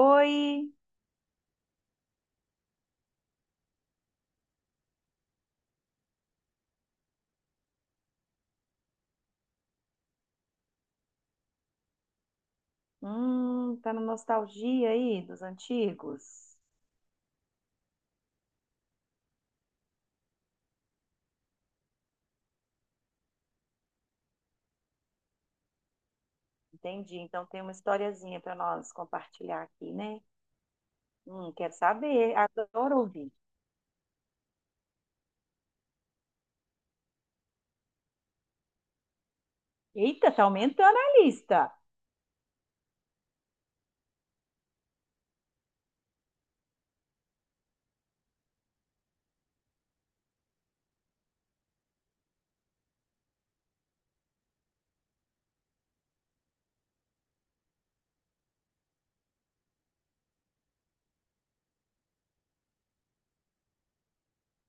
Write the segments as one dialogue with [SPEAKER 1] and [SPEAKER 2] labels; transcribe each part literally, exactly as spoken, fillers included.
[SPEAKER 1] Oi. Hum, tá na nostalgia aí dos antigos? Entendi. Então tem uma historiazinha para nós compartilhar aqui, né? Hum, quero saber, adoro ouvir. Eita, tá aumentando a lista.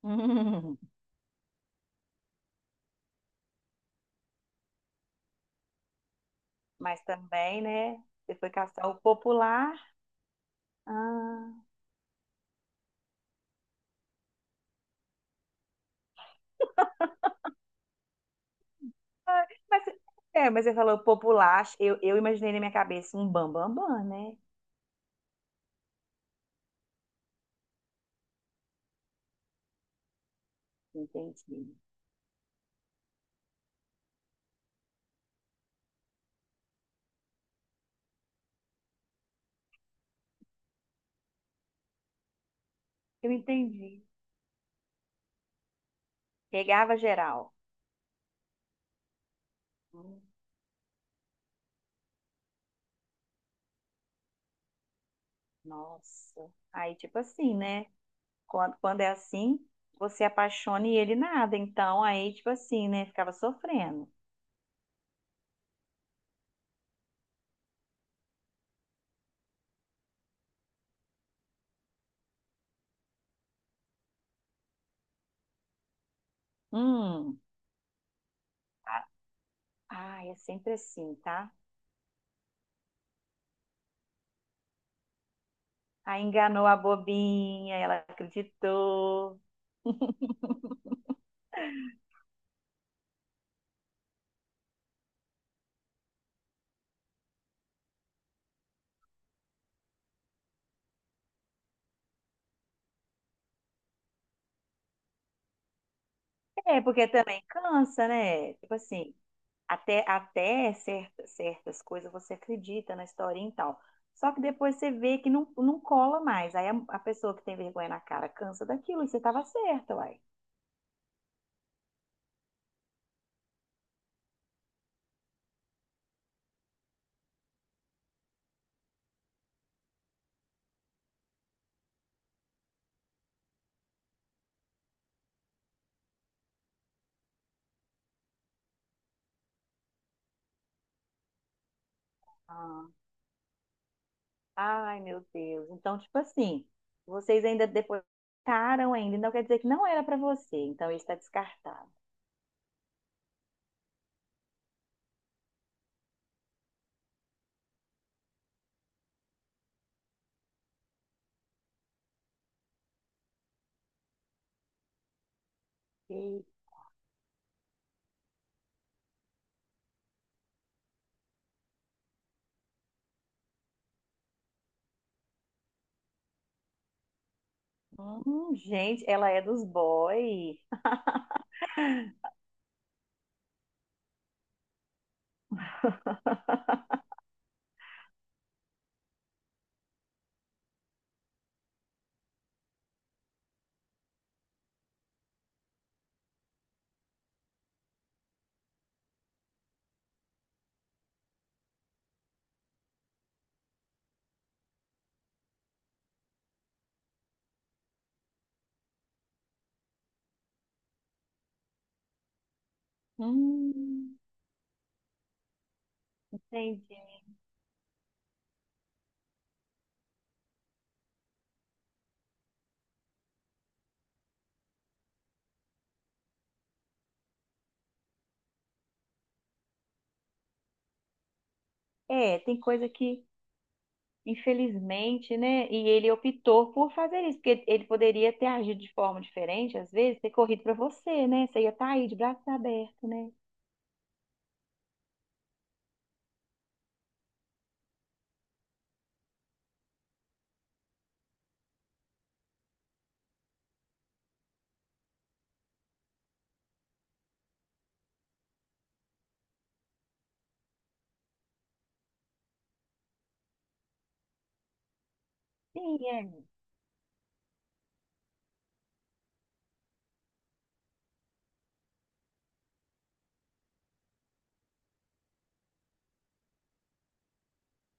[SPEAKER 1] Hum, mas também, né? Você foi caçar o popular. Ah, mas, é, mas você falou popular. Eu, eu imaginei na minha cabeça um bam bam bam, né? Entendi. Eu entendi. Pegava geral. Hum, nossa. Aí, tipo assim, né? Quando, quando é assim, você apaixona e ele nada. Então, aí, tipo assim, né? Ficava sofrendo. Hum, a- Ai, é sempre assim, tá? Aí enganou a bobinha, ela acreditou. É, porque também cansa, né? Tipo assim, até, até certa- certas coisas você acredita na historinha e tal. Só que depois você vê que não, não cola mais. Aí a, a pessoa que tem vergonha na cara cansa daquilo e você tava certa, uai. Ah. Ai, meu Deus. Então, tipo assim, vocês ainda depois ficaram ainda, então quer dizer que não era pra você. Então, isso está descartado. E- hum, gente, ela é dos boy. Hum, entendi. É, tem coisa que, infelizmente, né? E ele optou por fazer isso, porque ele poderia ter agido de forma diferente, às vezes, ter corrido pra você, né? Você ia estar aí de braços abertos, né? Sim, é.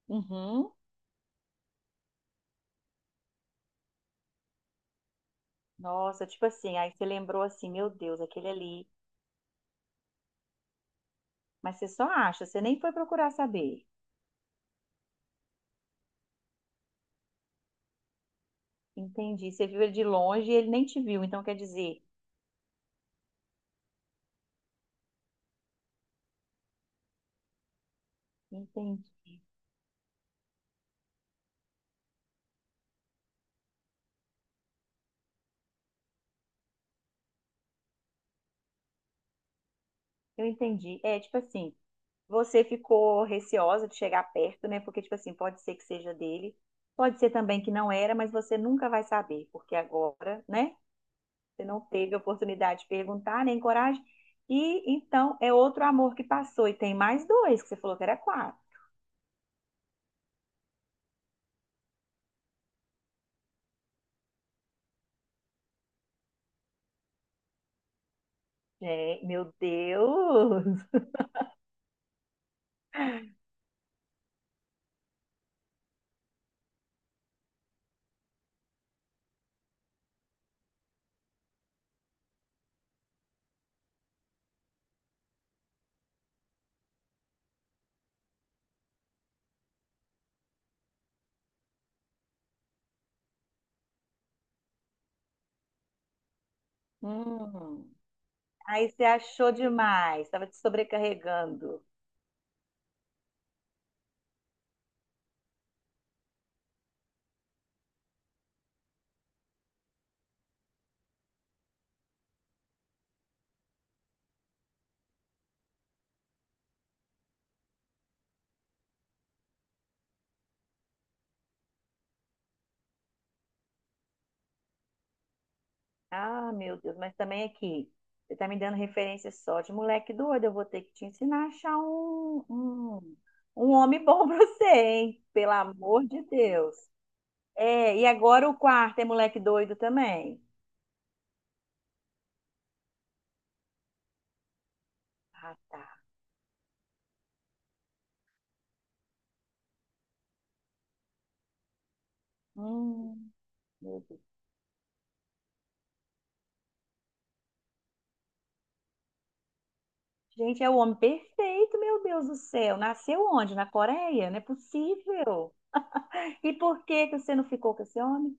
[SPEAKER 1] Uhum. Nossa, tipo assim, aí você lembrou assim, meu Deus, aquele ali. Mas você só acha, você nem foi procurar saber. Entendi. Você viu ele de longe e ele nem te viu, então quer dizer, entendi. Eu entendi. É, tipo assim, você ficou receosa de chegar perto, né? Porque, tipo assim, pode ser que seja dele, pode ser também que não era, mas você nunca vai saber, porque agora, né? Você não teve a oportunidade de perguntar, nem coragem. E então é outro amor que passou, e tem mais dois, que você falou que era quatro. É, meu Deus! Hum. Aí você achou demais, estava te sobrecarregando. Ah, meu Deus, mas também aqui, você tá me dando referência só de moleque doido, eu vou ter que te ensinar a achar um, um, um homem bom pra você, hein? Pelo amor de Deus. É, e agora o quarto é moleque doido também. Ah, tá. Hum, meu Deus. Gente, é o homem perfeito, meu Deus do céu. Nasceu onde? Na Coreia? Não é possível. E por que que você não ficou com esse homem?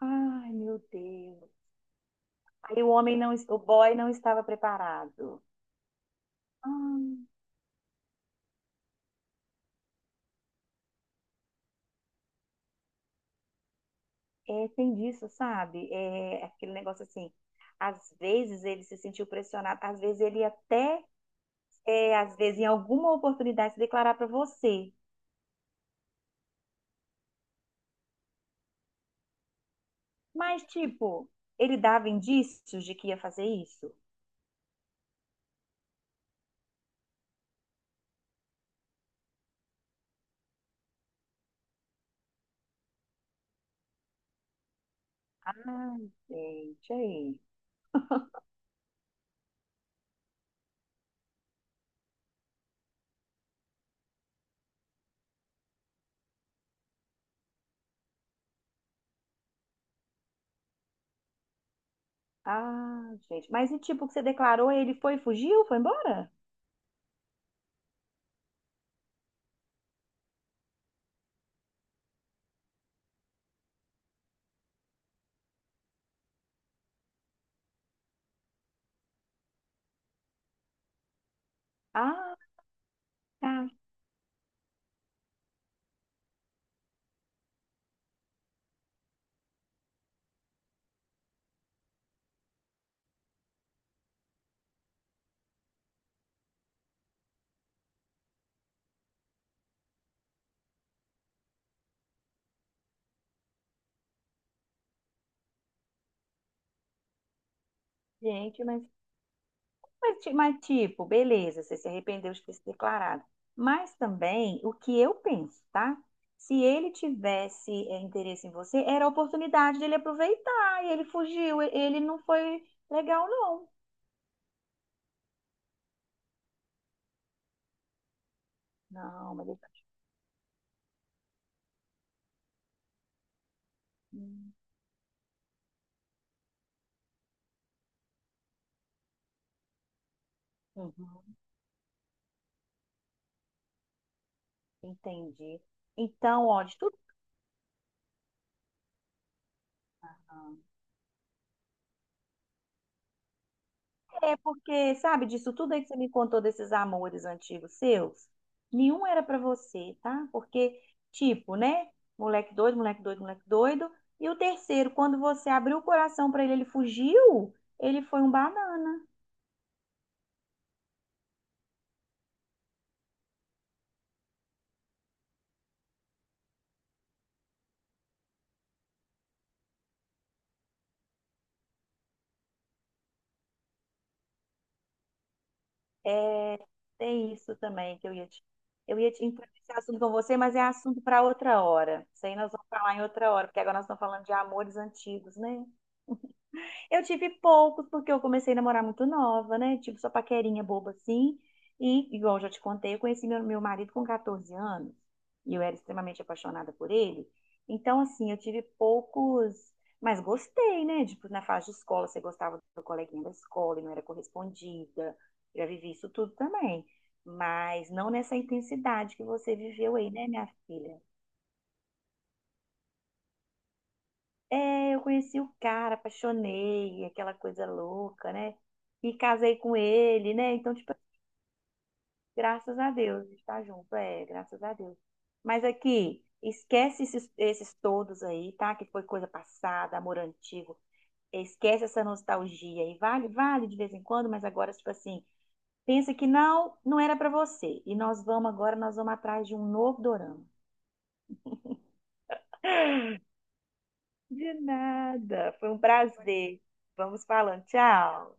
[SPEAKER 1] Ai, meu Deus. Aí o homem não, o boy não estava preparado. Ah, é, tem disso, sabe? É é aquele negócio assim. Às vezes ele se sentiu pressionado, às vezes ele até, é, às vezes em alguma oportunidade se declarar para você. Mas tipo, ele dava indícios de que ia fazer isso. Ah, gente, aí. Ah, gente. Mas e tipo, que você declarou, ele foi, fugiu, foi embora? Ah, tá, gente, mas Mas, ti- mas, tipo, beleza, você se arrependeu de ter se declarado. Mas também, o que eu penso, tá? Se ele tivesse é, interesse em você, era a oportunidade dele aproveitar. E ele fugiu, e- ele não foi legal, não. Não, mas ele... Hum, uhum, entendi. Então, ó, de tudo. É porque, sabe, disso tudo aí que você me contou desses amores antigos seus, nenhum era pra você, tá? Porque, tipo, né? Moleque doido, moleque doido, moleque doido. E o terceiro, quando você abriu o coração pra ele, ele fugiu, ele foi um banana. É, tem isso também que eu ia te. Eu ia te entrar nesse assunto com você, mas é assunto pra outra hora. Isso aí nós vamos falar em outra hora, porque agora nós estamos falando de amores antigos, né? Eu tive poucos, porque eu comecei a namorar muito nova, né? Tipo, só paquerinha boba assim. E, igual eu já te contei, eu conheci meu, meu marido com quatorze anos. E eu era extremamente apaixonada por ele. Então, assim, eu tive poucos. Mas gostei, né? Tipo, na fase de escola, você gostava do coleguinha da escola e não era correspondida. Eu já vivi isso tudo também. Mas não nessa intensidade que você viveu aí, né, minha filha? É, eu conheci o cara, apaixonei, aquela coisa louca, né? E casei com ele, né? Então, tipo, graças a Deus, a gente tá junto, é, graças a Deus. Mas aqui, esquece esses, esses todos aí, tá? Que foi coisa passada, amor antigo. Esquece essa nostalgia aí. Vale, vale de vez em quando, mas agora, tipo assim, pensa que não, não era pra você. E nós vamos agora, nós vamos atrás de um novo dorama. De nada, foi um prazer. Vamos falando, tchau.